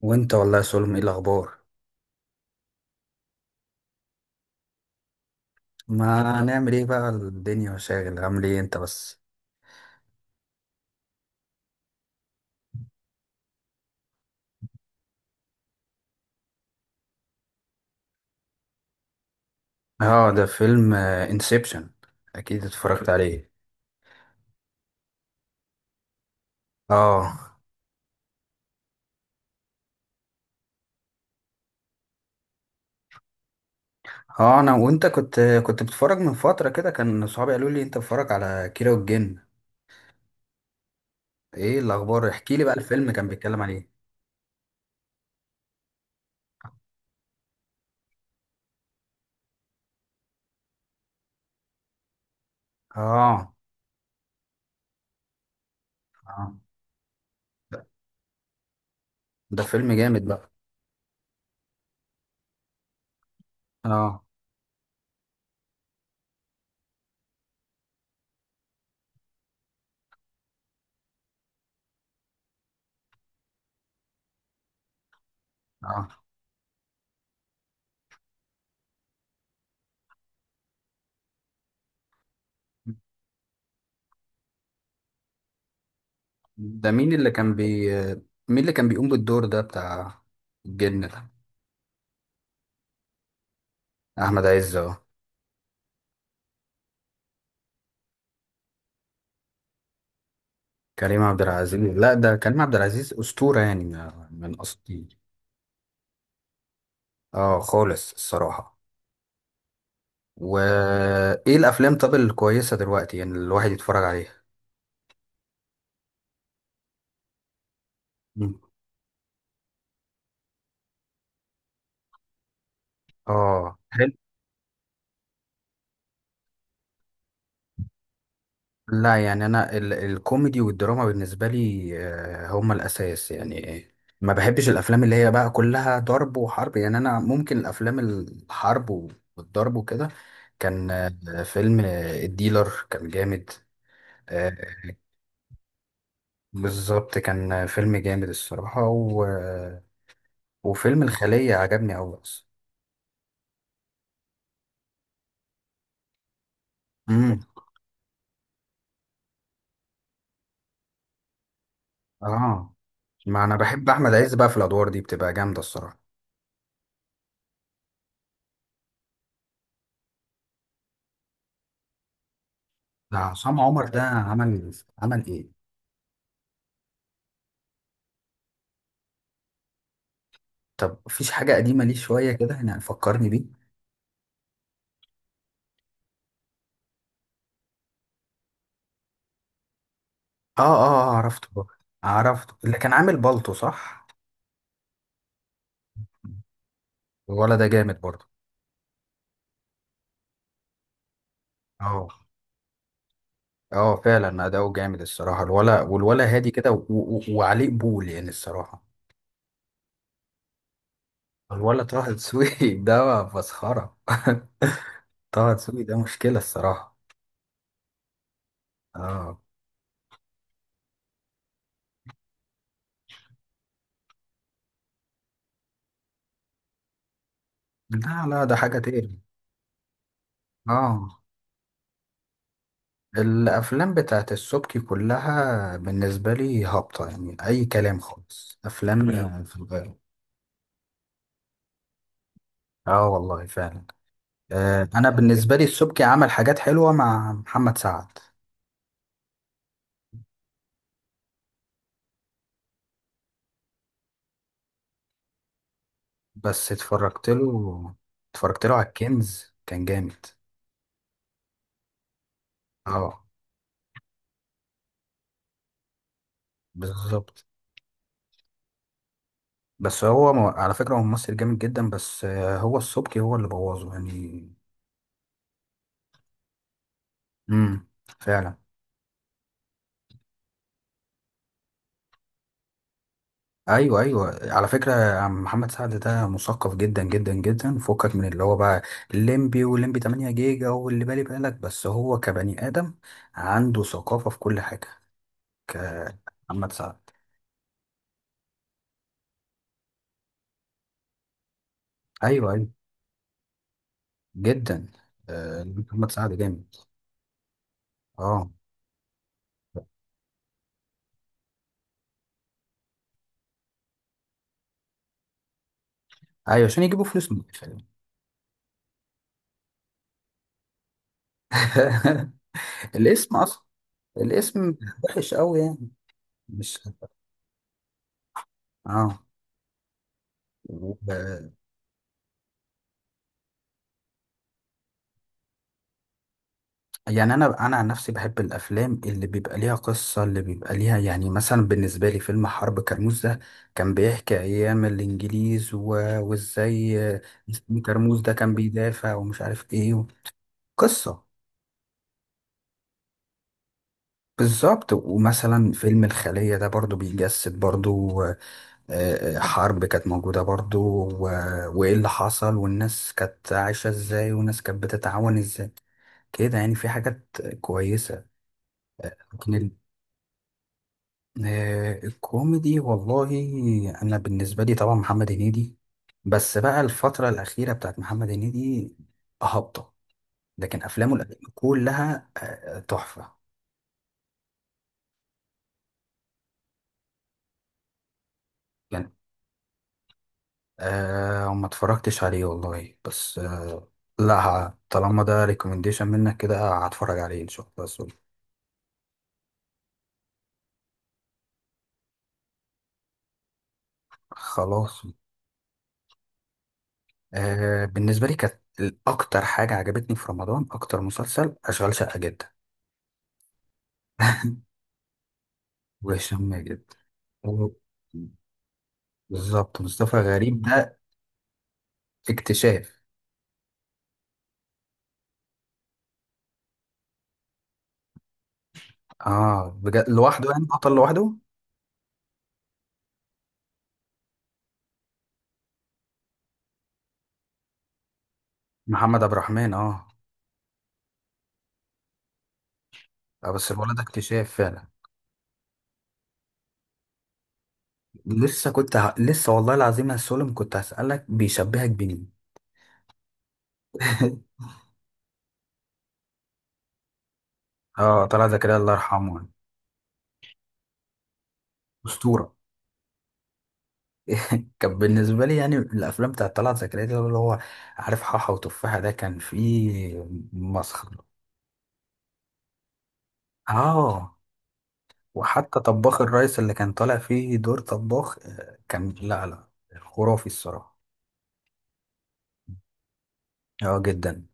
وانت والله يا سلم، ايه الاخبار؟ ما نعمل ايه بقى، الدنيا وشاغل. عامل ايه انت بس؟ اه ده فيلم انسبشن. اكيد اتفرجت عليه. اه اه انا وانت كنت بتتفرج من فترة كده. كان صحابي قالوا لي انت بتتفرج على كيرة والجن. ايه الاخبار؟ احكي لي بقى الفيلم كان بيتكلم عن ايه. اه اه ده ده فيلم جامد بقى. اه اه ده مين اللي كان بي مين اللي كان بيقوم بالدور ده بتاع الجن ده؟ احمد عز. كريم عبد العزيز، لا ده كريم عبد العزيز أسطورة يعني، من أساطير. اه خالص الصراحة. وإيه الأفلام طب الكويسة دلوقتي يعني الواحد يتفرج عليها؟ مم. اه حلو. لا يعني أنا الكوميدي والدراما بالنسبة لي هما الأساس يعني. ما بحبش الأفلام اللي هي بقى كلها ضرب وحرب، يعني أنا ممكن الأفلام الحرب والضرب وكده. كان فيلم الديلر كان جامد. آه، بالظبط كان فيلم جامد الصراحة وفيلم الخلية عجبني أوي أصلا. امم، اه. ما أنا بحب أحمد عز بقى في الأدوار دي، بتبقى جامدة الصراحة. ده عصام عمر ده عمل عمل إيه؟ طب مفيش حاجة قديمة ليه شوية كده يعني فكرني بيه؟ عرفته. عرفته اللي كان عامل بالطو صح؟ الولا ده جامد برضه. اه. اه فعلا أداؤه جامد الصراحة، الولا. والولا هادي كده وعليه قبول يعني الصراحة. الولا طه دسوقي ده مسخرة طه دسوقي ده مشكلة الصراحة. اه، لا لا ده حاجة تاني. اه الأفلام بتاعت السبكي كلها بالنسبة لي هابطة، يعني أي كلام خالص، أفلام فاهم في الغالب. اه والله فعلا. آه أنا بالنسبة لي السبكي عمل حاجات حلوة مع محمد سعد. بس اتفرجت له، اتفرجت له على الكنز، كان جامد. اه بالظبط. بس هو على فكرة هو ممثل جامد جدا، بس آه هو السبكي هو اللي بوظه يعني. امم، فعلا. ايوه ايوه على فكره، يا عم محمد سعد ده مثقف جدا جدا جدا، فكك من اللي هو بقى الليمبي والليمبي 8 جيجا واللي بالي بالك، بس هو كبني ادم عنده ثقافه في كل حاجه، كمحمد سعد. ايوه ايوه، جدا. محمد سعد جامد. اه ايوه عشان يجيبوا فلوس من الفيلم. الاسم اصلا، الاسم وحش قوي يعني، مش؟ اه. يعني انا عن نفسي بحب الافلام اللي بيبقى ليها قصه، اللي بيبقى ليها، يعني مثلا بالنسبه لي فيلم حرب كرموز ده كان بيحكي ايام الانجليز وازاي مسكين كرموز ده كان بيدافع ومش عارف ايه قصه. بالظبط. ومثلا فيلم الخليه ده برضو بيجسد برضو، حرب كانت موجوده برضو و... وايه اللي حصل، والناس كانت عايشه ازاي، والناس كانت بتتعاون ازاي كده، يعني في حاجات كويسه. الكوميدي والله انا بالنسبه لي طبعا محمد هنيدي، بس بقى الفتره الاخيره بتاعت محمد هنيدي هابطه، لكن افلامه القديمه كلها تحفه. يعني أه ما اتفرجتش عليه والله، بس أه لا طالما ده ريكومنديشن منك كده، هتفرج عليه ان شاء الله بس. خلاص. أه بالنسبه لي كانت اكتر حاجه عجبتني في رمضان، اكتر مسلسل اشغال شقه جدا. وهشام ماجد. بالظبط، مصطفى غريب ده اكتشاف. اه بجد لوحده يعني، بطل لوحده. محمد عبد الرحمن اه. بس الولد ده اكتشاف فعلا. لسه كنت لسه والله العظيم يا سولم كنت هسألك بيشبهك بمين. اه طلعت زكريا الله يرحمه يعني، أسطورة. كان بالنسبة لي يعني الأفلام بتاعت طلعت زكريا دي اللي هو عارف، حاحة وتفاحة ده كان فيه مسخرة. اه وحتى طباخ الريس اللي كان طالع فيه دور طباخ، كان لا خرافي الصراحة. اه جدا.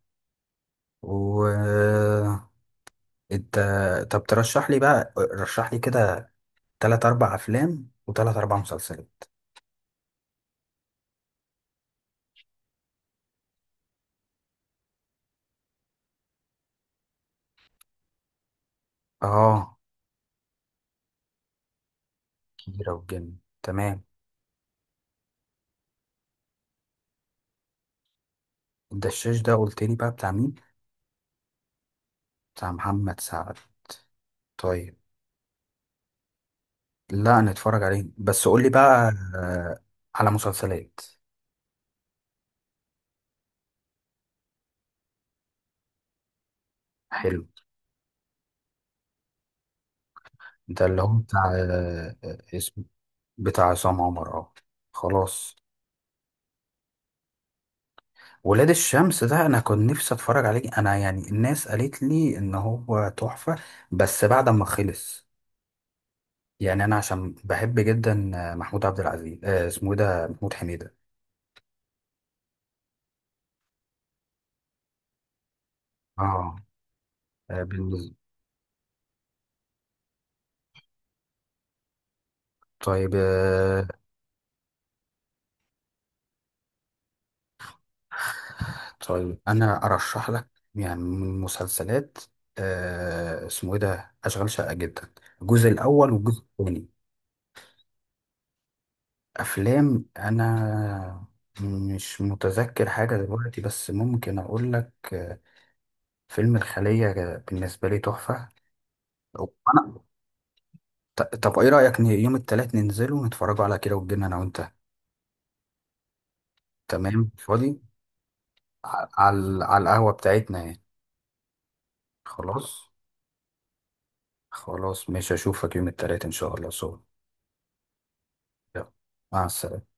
و انت طب ترشح لي بقى، رشح لي كده تلات اربع افلام وتلات اربع مسلسلات. اه كبيرة والجن تمام. الدشاش ده قلت لي بقى بتاع مين؟ بتاع محمد سعد. طيب. لا نتفرج عليه بس، قول لي بقى. آه، على مسلسلات. حلو. ده اللي هو بتاع، اسمه، بتاع عصام عمر اه. خلاص. ولاد الشمس ده انا كنت نفسي اتفرج عليه، انا يعني الناس قالت لي ان هو تحفة، بس بعد ما خلص. يعني انا عشان بحب جدا محمود عبد العزيز، آه اسمه ايه ده، محمود حميدة. اه بالنسبة. طيب آه. طيب انا ارشح لك، يعني من مسلسلات، آه اسمه ايه ده، اشغال شقة جدا، الجزء الاول والجزء الثاني. افلام انا مش متذكر حاجة دلوقتي، بس ممكن اقول لك، فيلم الخلية بالنسبة لي تحفة. وأنا طب إيه رأيك يوم التلات ننزل ونتفرجوا على كده وتجينا أنا وأنت؟ تمام فاضي. على على القهوة بتاعتنا يعني. خلاص. خلاص مش هشوفك يوم التلات إن شاء الله، سو يلا مع السلامة.